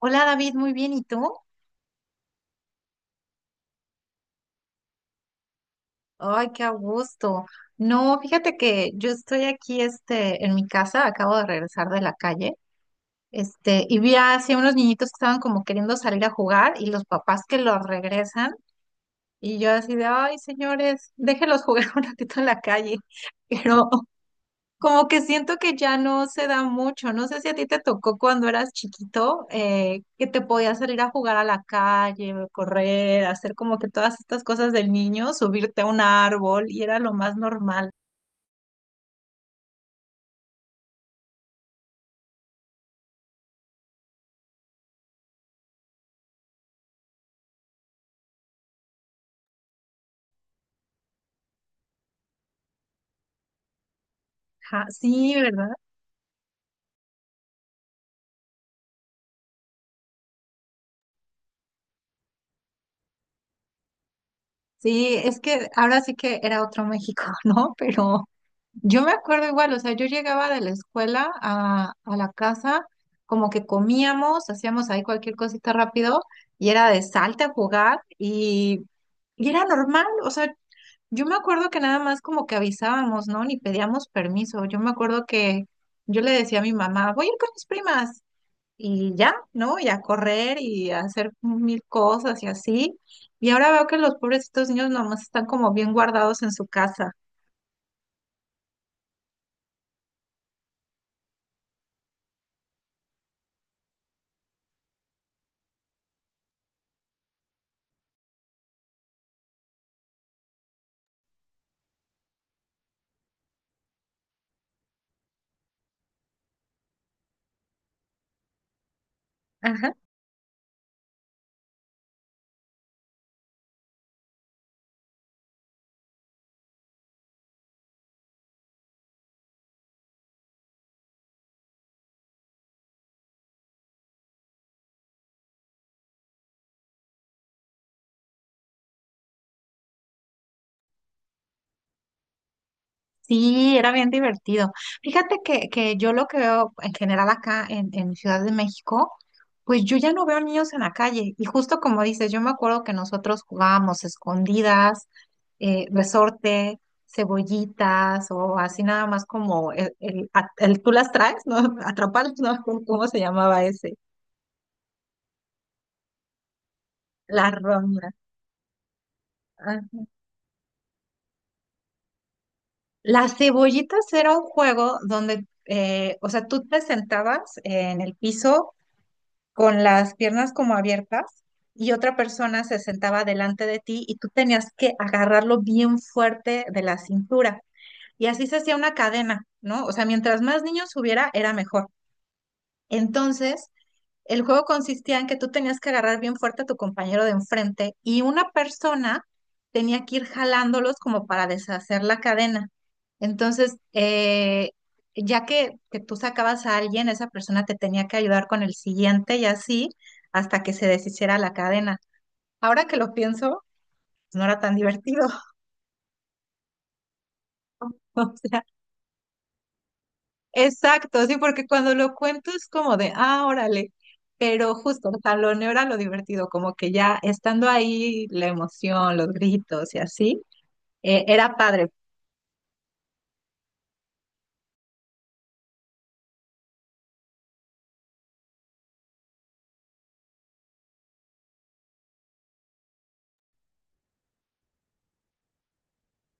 Hola David, muy bien, ¿y tú? Ay, qué a gusto. No, fíjate que yo estoy aquí en mi casa, acabo de regresar de la calle, y vi así a unos niñitos que estaban como queriendo salir a jugar y los papás que los regresan y yo así de, ay, señores, déjenlos jugar un ratito en la calle, pero como que siento que ya no se da mucho. No sé si a ti te tocó cuando eras chiquito, que te podías salir a jugar a la calle, correr, hacer como que todas estas cosas del niño, subirte a un árbol y era lo más normal. Ajá, sí, ¿verdad? Sí, es que ahora sí que era otro México, ¿no? Pero yo me acuerdo igual, o sea, yo llegaba de la escuela a la casa, como que comíamos, hacíamos ahí cualquier cosita rápido y era de salte a jugar y era normal, o sea, yo me acuerdo que nada más como que avisábamos, ¿no? Ni pedíamos permiso, yo me acuerdo que yo le decía a mi mamá, voy a ir con mis primas y ya, ¿no? Y a correr y a hacer mil cosas y así. Y ahora veo que los pobrecitos niños nomás están como bien guardados en su casa. Ajá. Sí, era bien divertido. Fíjate que yo lo que veo en general acá en Ciudad de México, pues yo ya no veo niños en la calle. Y justo como dices, yo me acuerdo que nosotros jugábamos escondidas, resorte, cebollitas o así nada más como el tú las traes, ¿no? Atrapalas, ¿no? ¿Cómo se llamaba ese? La ronda. Ah. Las cebollitas era un juego donde, o sea, tú te sentabas en el piso con las piernas como abiertas y otra persona se sentaba delante de ti y tú tenías que agarrarlo bien fuerte de la cintura. Y así se hacía una cadena, ¿no? O sea, mientras más niños hubiera, era mejor. Entonces, el juego consistía en que tú tenías que agarrar bien fuerte a tu compañero de enfrente y una persona tenía que ir jalándolos como para deshacer la cadena. Entonces, ya que tú sacabas a alguien, esa persona te tenía que ayudar con el siguiente y así hasta que se deshiciera la cadena. Ahora que lo pienso, no era tan divertido. O sea, exacto, sí, porque cuando lo cuento es como de, ah, órale, pero justo, o sea, lo negro era lo divertido, como que ya estando ahí, la emoción, los gritos y así, era padre.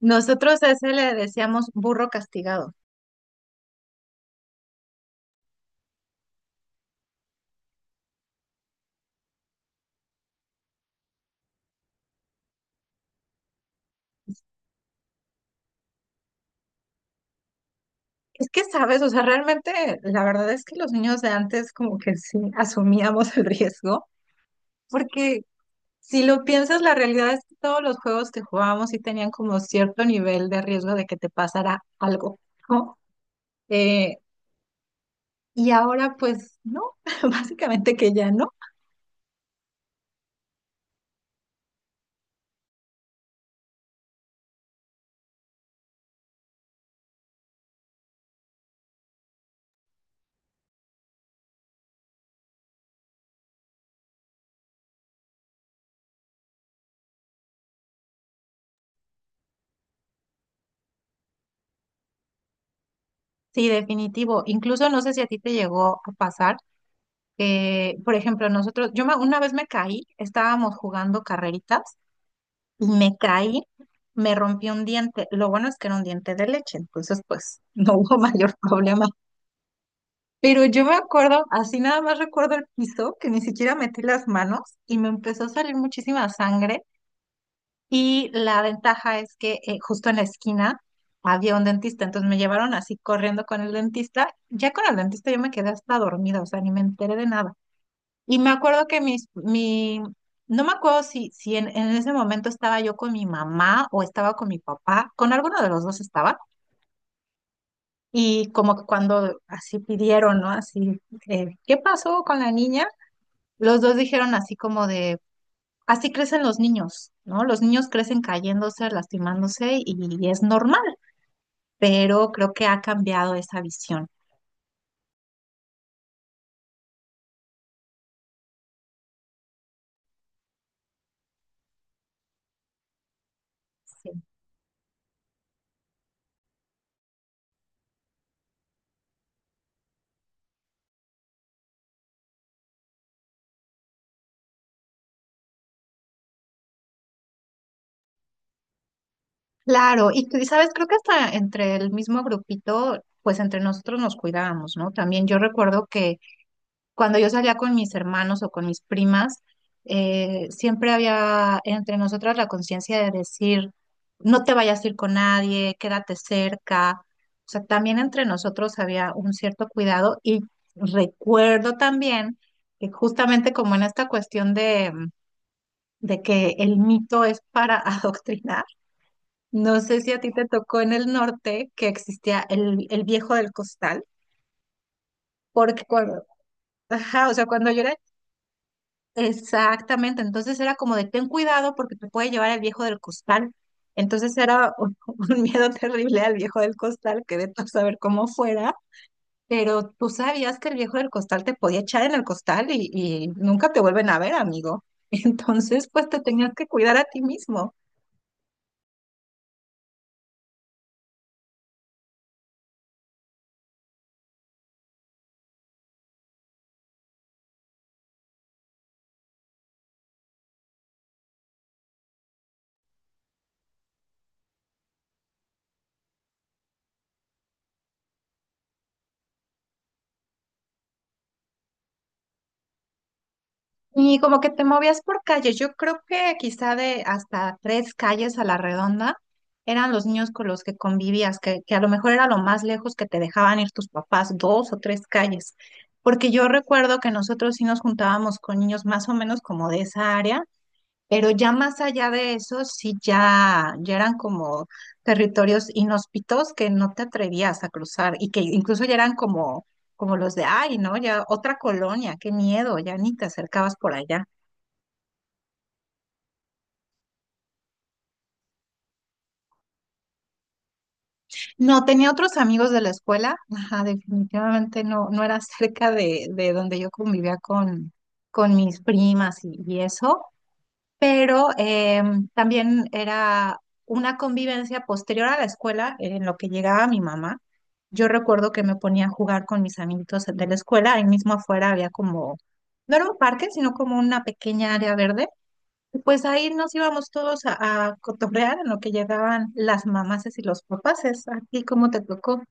Nosotros a ese le decíamos burro castigado. Es que, sabes, o sea, realmente la verdad es que los niños de antes como que sí asumíamos el riesgo, porque si lo piensas, la realidad es que todos los juegos que jugábamos sí tenían como cierto nivel de riesgo de que te pasara algo, ¿no? Eh, y ahora pues no, básicamente que ya no. Sí, definitivo. Incluso no sé si a ti te llegó a pasar que, por ejemplo, nosotros, una vez me caí, estábamos jugando carreritas y me caí, me rompí un diente. Lo bueno es que era un diente de leche, entonces pues no hubo mayor problema. Pero yo me acuerdo, así nada más recuerdo el piso, que ni siquiera metí las manos y me empezó a salir muchísima sangre. Y la ventaja es que justo en la esquina había un dentista, entonces me llevaron así corriendo con el dentista. Ya con el dentista yo me quedé hasta dormida, o sea, ni me enteré de nada. Y me acuerdo que no me acuerdo si en ese momento estaba yo con mi mamá o estaba con mi papá, con alguno de los dos estaba. Y como que cuando así pidieron, ¿no? Así, ¿qué pasó con la niña? Los dos dijeron así como de así crecen los niños, ¿no? Los niños crecen cayéndose, lastimándose y es normal, pero creo que ha cambiado esa visión. Sí. Claro, y sabes, creo que hasta entre el mismo grupito, pues entre nosotros nos cuidábamos, ¿no? También yo recuerdo que cuando yo salía con mis hermanos o con mis primas, siempre había entre nosotras la conciencia de decir, no te vayas a ir con nadie, quédate cerca. O sea, también entre nosotros había un cierto cuidado y recuerdo también que justamente como en esta cuestión de que el mito es para adoctrinar, no sé si a ti te tocó en el norte que existía el viejo del costal, porque cuando, ajá, o sea, cuando yo era. Exactamente, entonces era como de ten cuidado porque te puede llevar el viejo del costal. Entonces era un, un miedo terrible al viejo del costal, que de todo saber cómo fuera, pero tú sabías que el viejo del costal te podía echar en el costal y nunca te vuelven a ver, amigo. Entonces, pues te tenías que cuidar a ti mismo. Y como que te movías por calle, yo creo que quizá de hasta tres calles a la redonda eran los niños con los que convivías, que a lo mejor era lo más lejos que te dejaban ir tus papás, dos o tres calles. Porque yo recuerdo que nosotros sí nos juntábamos con niños más o menos como de esa área, pero ya más allá de eso, sí ya, ya eran como territorios inhóspitos que no te atrevías a cruzar y que incluso ya eran como los de, ay, ¿no? Ya otra colonia, qué miedo, ya ni te acercabas por allá. No, tenía otros amigos de la escuela, ajá, definitivamente no, no era cerca de donde yo convivía con mis primas y eso. Pero también era una convivencia posterior a la escuela en lo que llegaba mi mamá. Yo recuerdo que me ponía a jugar con mis amiguitos de la escuela, ahí mismo afuera había como, no era un parque, sino como una pequeña área verde. Y pues ahí nos íbamos todos a cotorrear en lo que llegaban las mamases y los papases. ¿A ti cómo te tocó?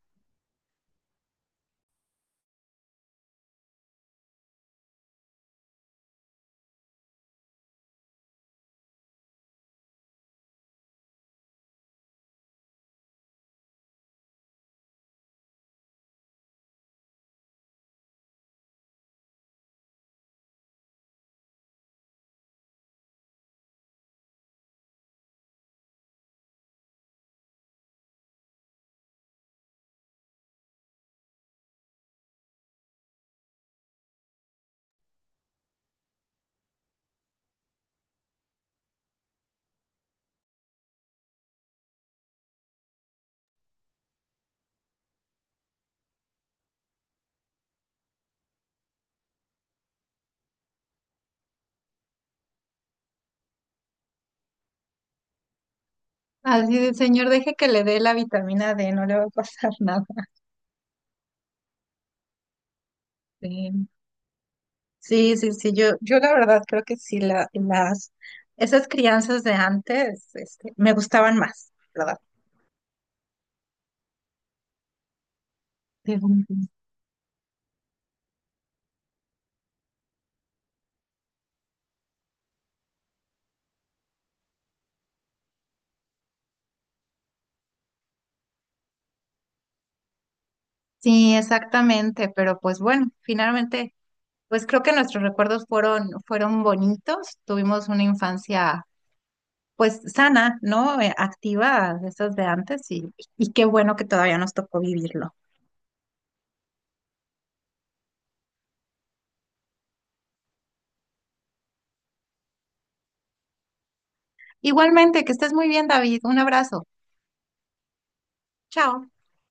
Así de, señor, deje que le dé la vitamina D, no le va a pasar nada. Sí. Sí, sí, sí, yo la verdad creo que sí, esas crianzas de antes, me gustaban más, ¿verdad? Pero. Sí, exactamente, pero pues bueno, finalmente, pues creo que nuestros recuerdos fueron, bonitos, tuvimos una infancia pues sana, ¿no? Activa, de esas de antes, y qué bueno que todavía nos tocó vivirlo. Igualmente, que estés muy bien, David, un abrazo, chao.